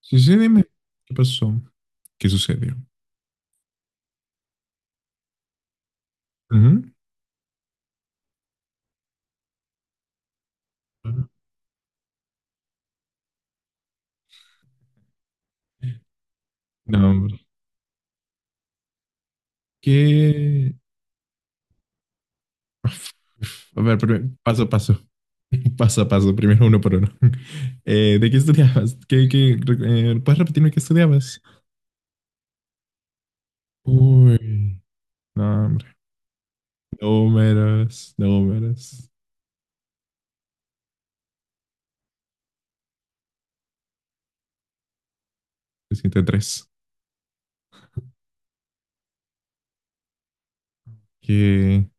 Sí, sí, dime. ¿Qué pasó? ¿Qué sucedió? Ujú. No, hombre. ¿Qué? Uf, uf. A ver, primero, paso a paso. Paso a paso, primero uno por uno. ¿De qué estudiabas? ¿Puedes repetirme qué estudiabas? Uy, no, hombre. Números, números. 7 tres. Que.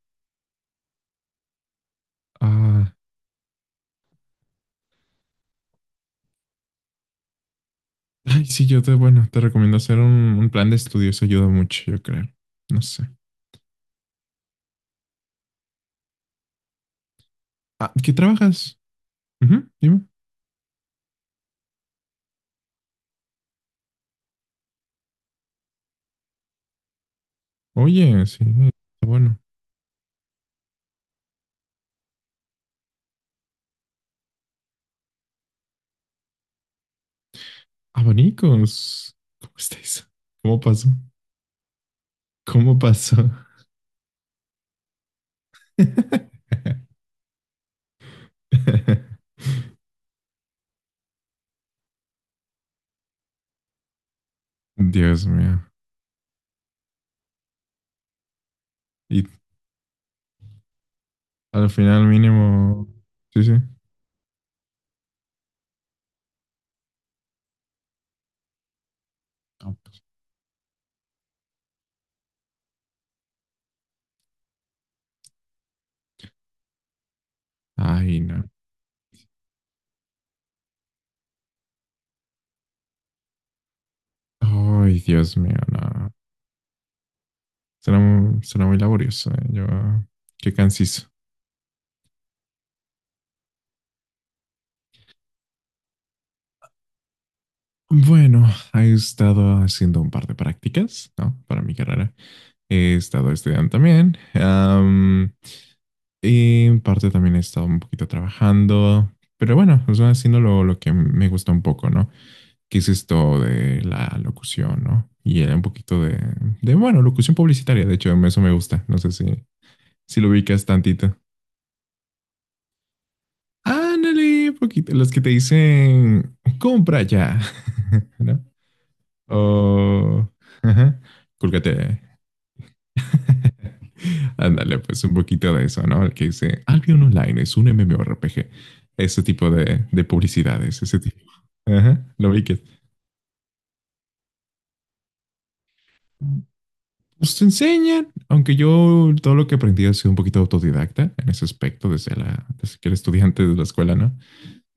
Ah. Ay, sí, bueno, te recomiendo hacer un plan de estudios, ayuda mucho, yo creo. No sé. Ah, ¿qué trabajas? Ujú, dime. Oye, sí, está bueno. Abanicos. ¿Cómo estáis? ¿Cómo pasó? ¿Cómo pasó? Dios mío. Y al final mínimo... Sí, sí. No, Ay, no. Ay, Dios mío, no. Será muy laborioso, eh. Yo, qué cansino. Bueno, he estado haciendo un par de prácticas, ¿no? Para mi carrera. He estado estudiando también. Y en parte también he estado un poquito trabajando, pero bueno, o sea, haciendo lo que me gusta un poco, ¿no? Que es esto de la locución, ¿no? Y era un poquito de, bueno, locución publicitaria, de hecho, eso me gusta, no sé si, si lo ubicas tantito. Ándale, poquito, los que te dicen, compra ya, ¿no? O, ajá, cúlgate. Ándale, pues un poquito de eso, ¿no? El que dice Albion Online es un MMORPG. Ese tipo de publicidades, ese tipo. Ajá, lo vi que. Pues te enseñan, aunque yo todo lo que aprendí ha sido un poquito autodidacta en ese aspecto, desde, la, desde que era estudiante de la escuela, ¿no?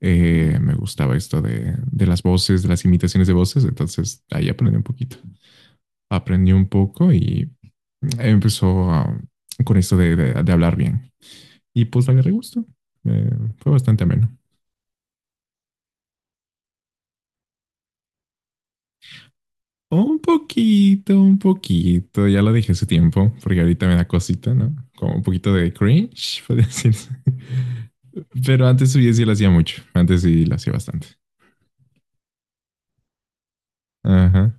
Me gustaba esto de las voces, de las imitaciones de voces, entonces ahí aprendí un poquito. Aprendí un poco y empezó a, con esto de hablar bien. Y pues le agarré gusto. Eh, fue bastante ameno. Un poquito, ya lo dije hace tiempo, porque ahorita me da cosita, ¿no? Como un poquito de cringe, podría decirse. Pero antes sí, sí lo hacía mucho, antes sí lo hacía bastante. Ajá.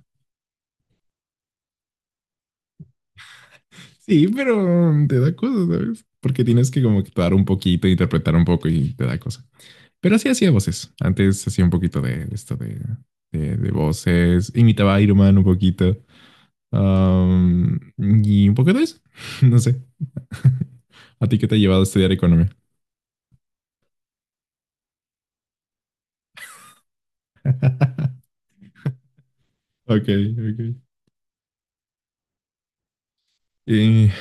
Sí, pero te da cosas, ¿sabes? Porque tienes que como actuar un poquito, interpretar un poco y te da cosas. Pero sí hacía voces. Antes hacía un poquito de esto de voces. Imitaba a Iron Man un poquito. Y un poquito de eso. No sé. ¿A ti qué te ha llevado a estudiar economía? Ok, ok. Y,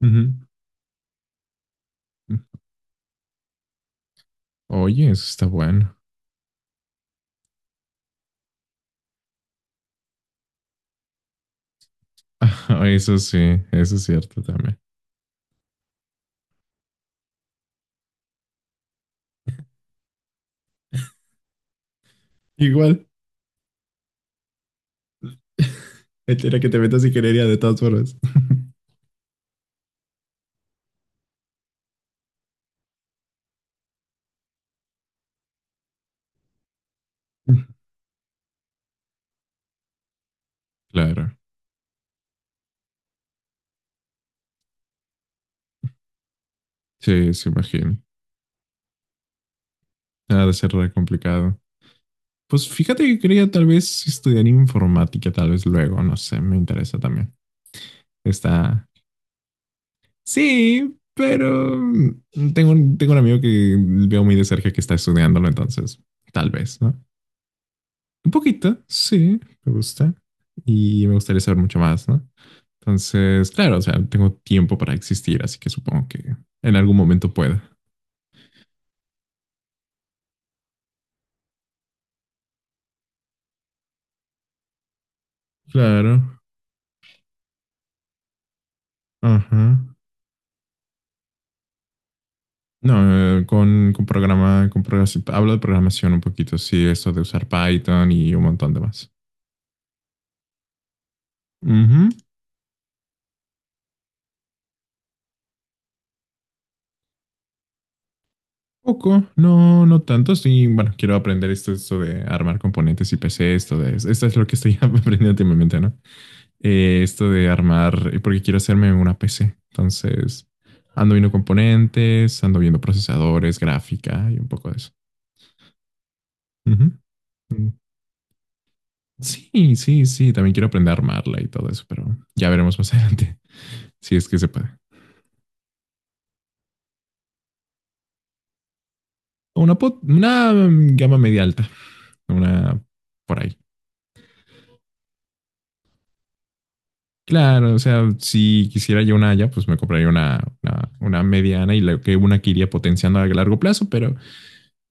ujú. Oye, eso está bueno. Eso sí, eso es cierto también. Igual. Era que te metas y querería de todas formas. Claro, sí, se imagino. Ha de ser re complicado. Pues fíjate que quería tal vez estudiar informática, tal vez luego, no sé, me interesa también. Está, sí, pero mm, tengo un amigo que veo muy de cerca que está estudiándolo, entonces tal vez, ¿no? Un poquito, sí, me gusta. Y me gustaría saber mucho más, ¿no? Entonces, claro, o sea, tengo tiempo para existir, así que supongo que en algún momento pueda. Claro. Ajá. No, con programa, con programación, hablo de programación un poquito, sí, esto de usar Python y un montón de más. Ujú. Poco, no, no tanto. Sí, bueno, quiero aprender esto, esto de armar componentes y PC, esto de, esto es lo que estoy aprendiendo últimamente, ¿no? Esto de armar, porque quiero hacerme una PC. Entonces, ando viendo componentes, ando viendo procesadores, gráfica y un poco de eso. Ujú. Mm. Sí, sí, sí, también quiero aprender a armarla y todo eso, pero ya veremos más adelante si es que se puede. Una mm, gama media alta, una por ahí. Claro, o sea, si quisiera yo una haya, pues me compraría una mediana y que una que iría potenciando a largo plazo, pero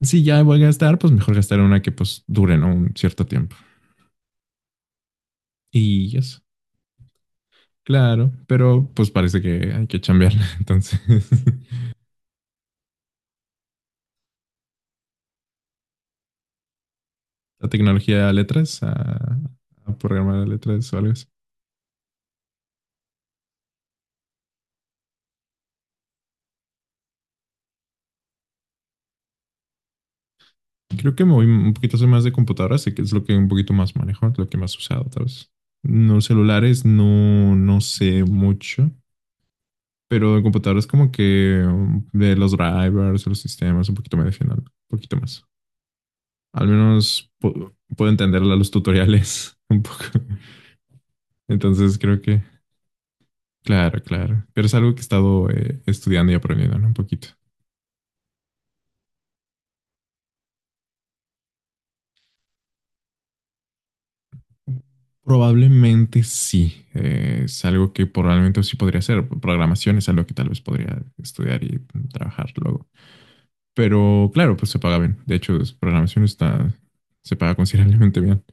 si ya voy a gastar, pues mejor gastar una que pues dure, ¿no? Un cierto tiempo. Y eso, claro, pero pues parece que hay que chambearla. Entonces, la tecnología a letras, a programar a letras o algo así. Creo que me voy un poquito, soy más de computadoras, sé que es lo que un poquito más manejo, lo que más he usado, tal vez. No celulares, no, no sé mucho. Pero en computadoras como que de los drivers, los sistemas, un poquito me defiendo, un poquito más. Al menos puedo entender los tutoriales un poco. Entonces creo que, claro, claro. Pero es algo que he estado estudiando y aprendiendo, ¿no? Un poquito. Probablemente sí. Es algo que probablemente sí podría hacer. Programación es algo que tal vez podría estudiar y trabajar luego. Pero claro, pues se paga bien. De hecho, programación está, se paga considerablemente bien.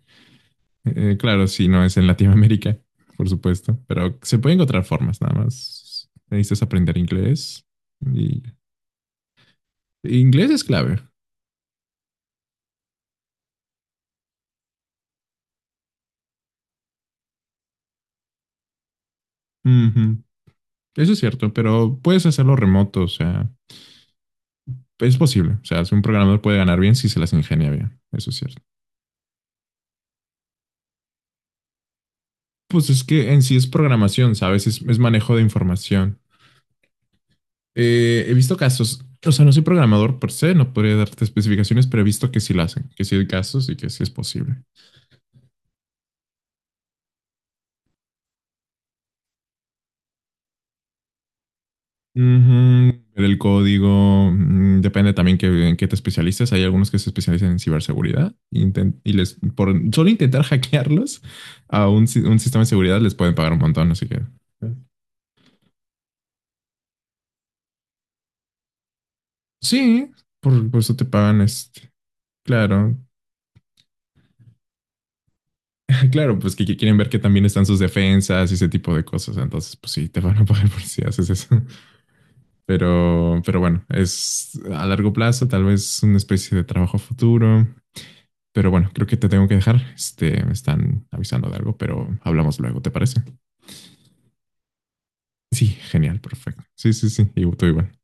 Claro, sí, no es en Latinoamérica, por supuesto, pero se pueden encontrar formas, nada más. Necesitas aprender inglés y inglés es clave. Ujú, eso es cierto, pero puedes hacerlo remoto, o sea, es posible. O sea, si un programador puede ganar bien si se las ingenia bien, eso es cierto. Pues es que en sí es programación, ¿sabes? Es manejo de información. He visto casos, o sea, no soy programador per se, no podría darte especificaciones, pero he visto que sí lo hacen, que sí hay casos y que sí es posible. Ujú, ver el código, mm, depende también que, en qué te especialices. Hay algunos que se especializan en ciberseguridad inten- y les por solo intentar hackearlos a un, si- un sistema de seguridad les pueden pagar un montón, así que eh, sí, por eso te pagan este. Claro, claro, pues que quieren ver que también están sus defensas y ese tipo de cosas. Entonces, pues sí, te van a pagar por si haces eso. Pero bueno, es a largo plazo, tal vez una especie de trabajo futuro. Pero bueno, creo que te tengo que dejar. Este, me están avisando de algo, pero hablamos luego, ¿te parece? Sí, genial, perfecto. Sí, sí, sí, y tú igual.